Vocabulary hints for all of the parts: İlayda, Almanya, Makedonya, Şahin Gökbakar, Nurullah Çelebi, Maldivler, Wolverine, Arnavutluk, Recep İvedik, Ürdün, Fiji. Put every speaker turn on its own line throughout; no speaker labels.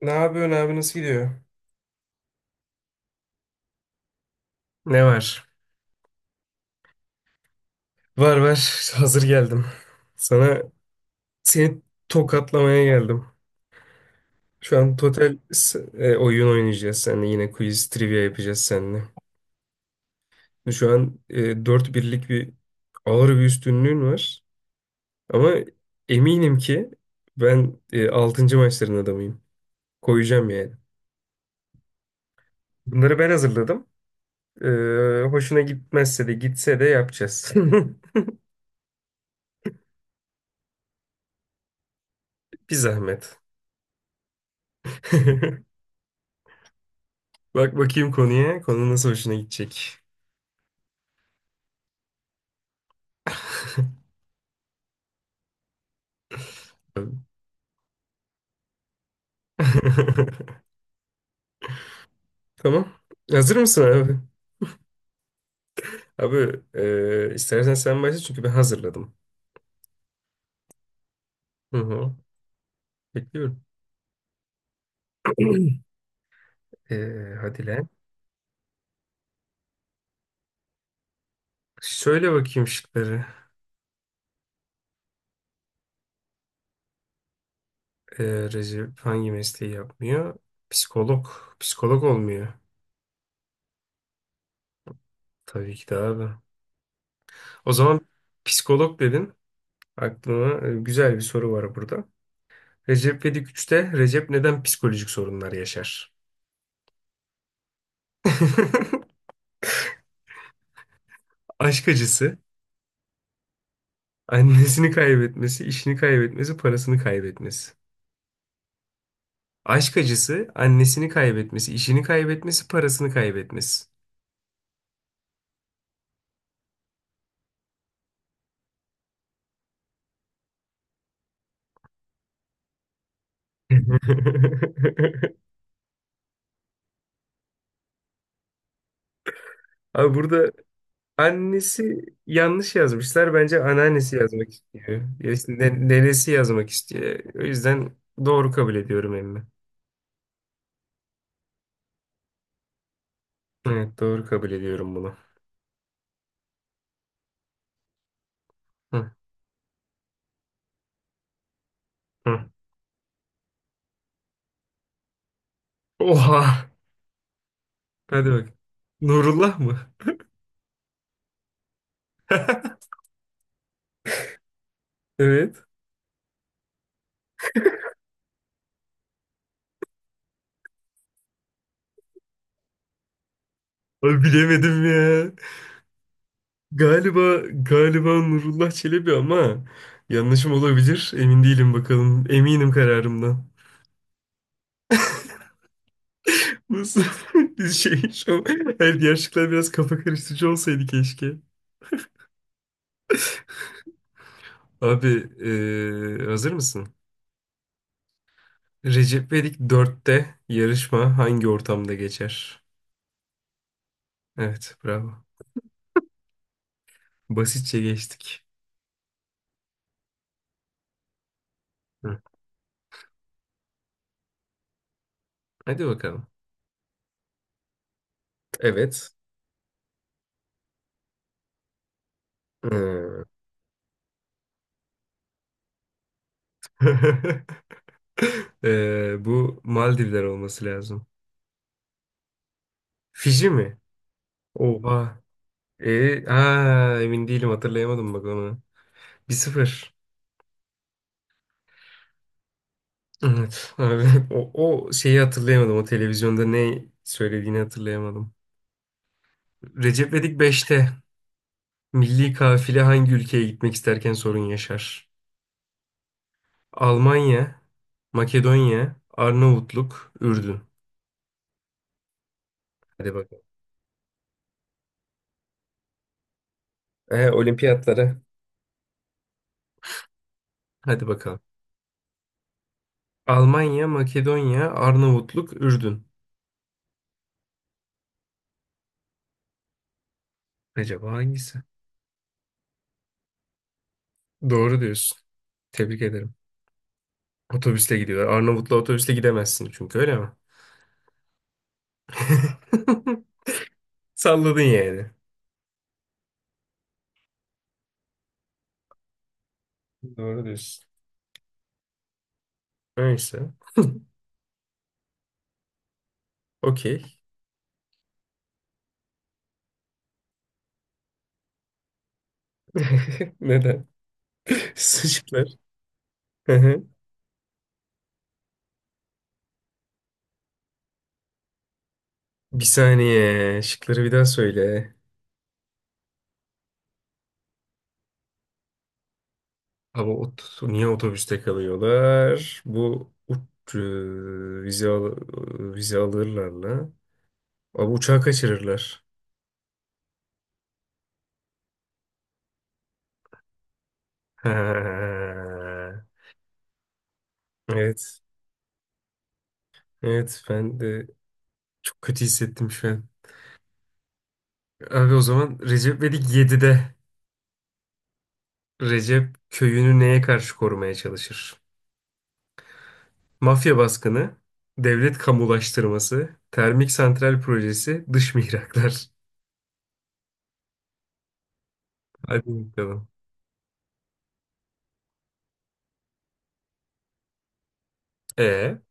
Ne yapıyorsun abi nasıl gidiyor? Ne var? Var var. Hazır geldim. Sana seni tokatlamaya geldim. Şu an oyun oynayacağız seninle. Yine quiz trivia yapacağız seninle. Şu an 4-1'lik bir ağır bir üstünlüğün var. Ama eminim ki ben 6. maçların adamıyım. Koyacağım yani. Bunları ben hazırladım. E, Hoşuna gitmezse de gitse de yapacağız. Bir zahmet. Bak bakayım konuya. Konu nasıl hoşuna gidecek. Tamam. Hazır mısın abi? Abi istersen sen başla çünkü ben hazırladım. Hı hı. Bekliyorum. E, Hadi lan. Söyle bakayım şıkları. E, Recep hangi mesleği yapmıyor? Psikolog. Psikolog olmuyor. Tabii ki de abi. O zaman psikolog dedin. Aklıma güzel bir soru var burada. Recep İvedik 3'te Recep neden psikolojik sorunlar yaşar? Aşk acısı, annesini kaybetmesi, işini kaybetmesi, parasını kaybetmesi. Aşk acısı, annesini kaybetmesi, işini kaybetmesi, parasını kaybetmesi. Abi burada annesi yanlış yazmışlar. Bence anneannesi yazmak istiyor. Ya işte nenesi yazmak istiyor. O yüzden doğru kabul ediyorum emmi. Evet, doğru kabul ediyorum bunu. Hı, hı. Oha! Hadi bak. Nurullah mı? Evet. Abi bilemedim ya. Galiba Nurullah Çelebi ama yanlışım olabilir. Emin değilim bakalım. Eminim kararımdan. Nasıl bir şey şu her diğer şıklar biraz kafa karıştırıcı olsaydı keşke. Abi hazır mısın? Recep İvedik 4'te yarışma hangi ortamda geçer? Evet, bravo. Basitçe geçtik. Hı. Hadi bakalım. Evet. Hı. Bu Maldivler olması lazım. Fiji mi? Oha. Emin değilim hatırlayamadım bak onu. Bir sıfır. Evet abi. O, o şeyi hatırlayamadım. O televizyonda ne söylediğini hatırlayamadım. Recep İvedik 5'te milli kafile hangi ülkeye gitmek isterken sorun yaşar? Almanya, Makedonya, Arnavutluk, Ürdün. Hadi bakalım. Olimpiyatlara. Hadi bakalım. Almanya, Makedonya, Arnavutluk, Ürdün. Acaba hangisi? Doğru diyorsun. Tebrik ederim. Otobüsle gidiyorlar. Arnavutlu otobüsle gidemezsin çünkü öyle mi? Salladın yani. Doğru diyorsun. Neyse. Okey. Neden? Şıklar. Hı hı. Bir saniye. Şıkları bir daha söyle. Ama niye otobüste kalıyorlar? Bu vize, al vize alırlar mı? Ama uçağı kaçırırlar. Ha. Evet. Evet ben de çok kötü hissettim şu an. Abi o zaman Recep İvedik 7'de Recep köyünü neye karşı korumaya çalışır? Mafya baskını, devlet kamulaştırması, termik santral projesi, dış mihraklar. Hadi bakalım. E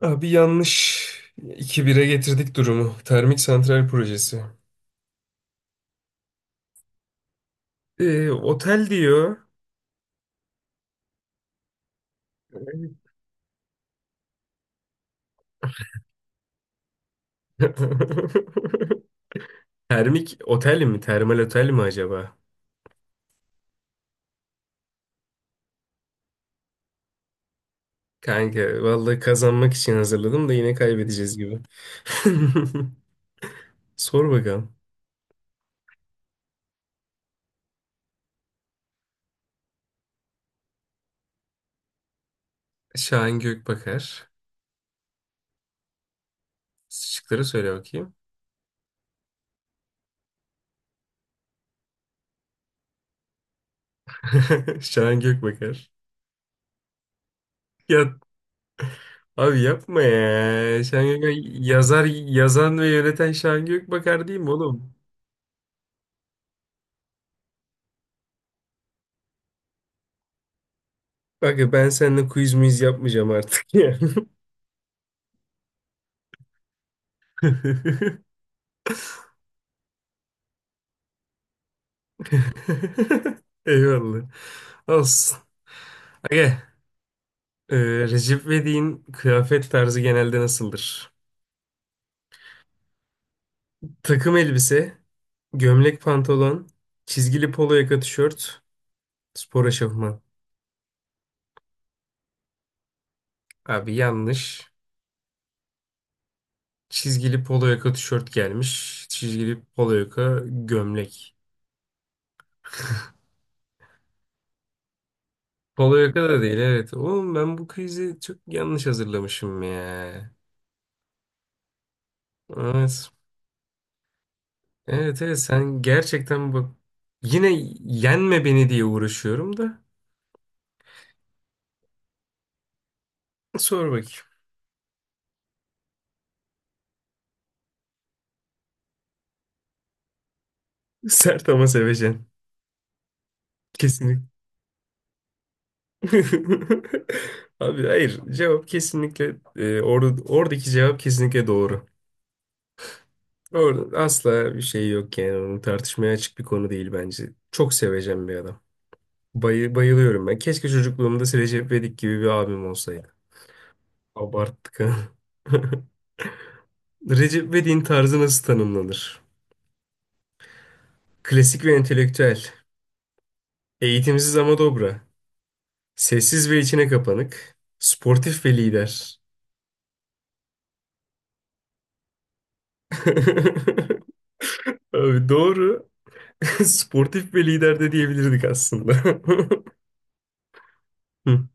abi yanlış. İki bire getirdik durumu. Termik santral projesi. Otel diyor. Termik otel mi? Termal otel mi acaba? Kanka vallahi kazanmak için hazırladım da yine kaybedeceğiz gibi. Sor bakalım. Şahin Gökbakar. Şıkları söyle bakayım. Şahin Gökbakar. Ya abi yapma ya. Şahin Gökbakar yazar, yazan ve yöneten Şahin Gökbakar değil mi oğlum? Bak ya ben seninle quiz miz yapmayacağım artık ya. Eyvallah. Olsun. Aga, e, Recep İvedik'in kıyafet tarzı genelde nasıldır? Takım elbise, gömlek pantolon, çizgili polo yaka tişört, spor eşofman. Abi yanlış. Çizgili polo yaka tişört gelmiş. Çizgili polo yaka gömlek. Polo yaka da değil evet. Oğlum ben bu krizi çok yanlış hazırlamışım ya. Evet. Evet evet sen gerçekten bak yine yenme beni diye uğraşıyorum da. Sor bakayım. Sert ama seveceksin. Kesinlikle. Abi hayır cevap kesinlikle oradaki cevap kesinlikle doğru. Orada asla bir şey yok yani onun tartışmaya açık bir konu değil bence. Çok seveceğim bir adam. Bayılıyorum ben. Keşke çocukluğumda Recep İvedik gibi bir abim olsaydı. Abarttık ha. Recep İvedik'in tarzı nasıl tanımlanır? Klasik ve entelektüel. Eğitimsiz ama dobra. Sessiz ve içine kapanık. Sportif ve lider. Abi doğru. Sportif ve lider de diyebilirdik aslında. Hı.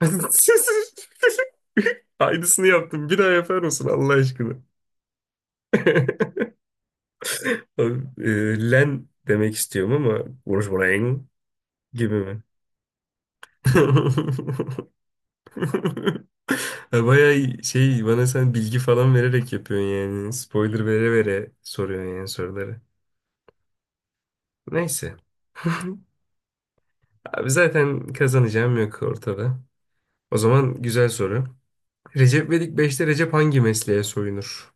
Aynısını yaptım. Bir daha yapar mısın Allah aşkına? Abi, len demek istiyorum ama Wolverine gibi mi? Ha, bayağı şey bana sen bilgi falan vererek yapıyorsun yani. Spoiler vere vere soruyorsun yani soruları. Neyse. Abi zaten kazanacağım yok ortada. O zaman güzel soru. Recep İvedik beşte Recep hangi mesleğe soyunur?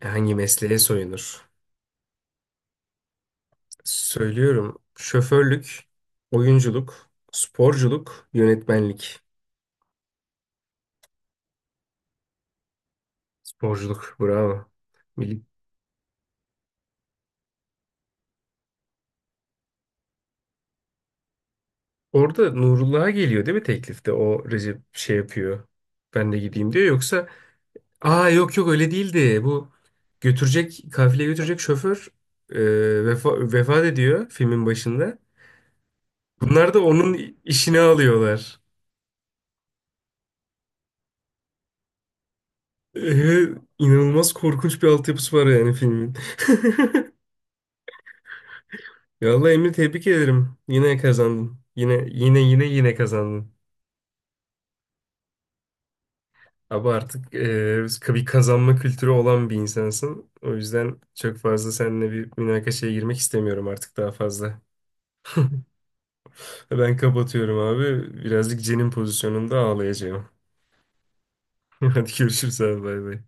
Hangi mesleğe soyunur? Söylüyorum. Şoförlük, oyunculuk, sporculuk, yönetmenlik. Sporculuk, bravo. Milli- Orada Nurullah'a geliyor değil mi teklifte? O Recep şey yapıyor. Ben de gideyim diyor. Yoksa yok yok öyle değildi. Bu kafile götürecek şoför e, vefat ediyor filmin başında. Bunlar da onun işini alıyorlar. Ee, inanılmaz korkunç bir altyapısı var yani filmin. Ya vallahi Emre, tebrik ederim. Yine kazandın. Yine yine yine yine kazandın. Abi artık bir kazanma kültürü olan bir insansın. O yüzden çok fazla seninle bir münakaşaya girmek istemiyorum artık daha fazla. Ben kapatıyorum abi. Birazcık cenin pozisyonunda ağlayacağım. Hadi görüşürüz abi, bay bay.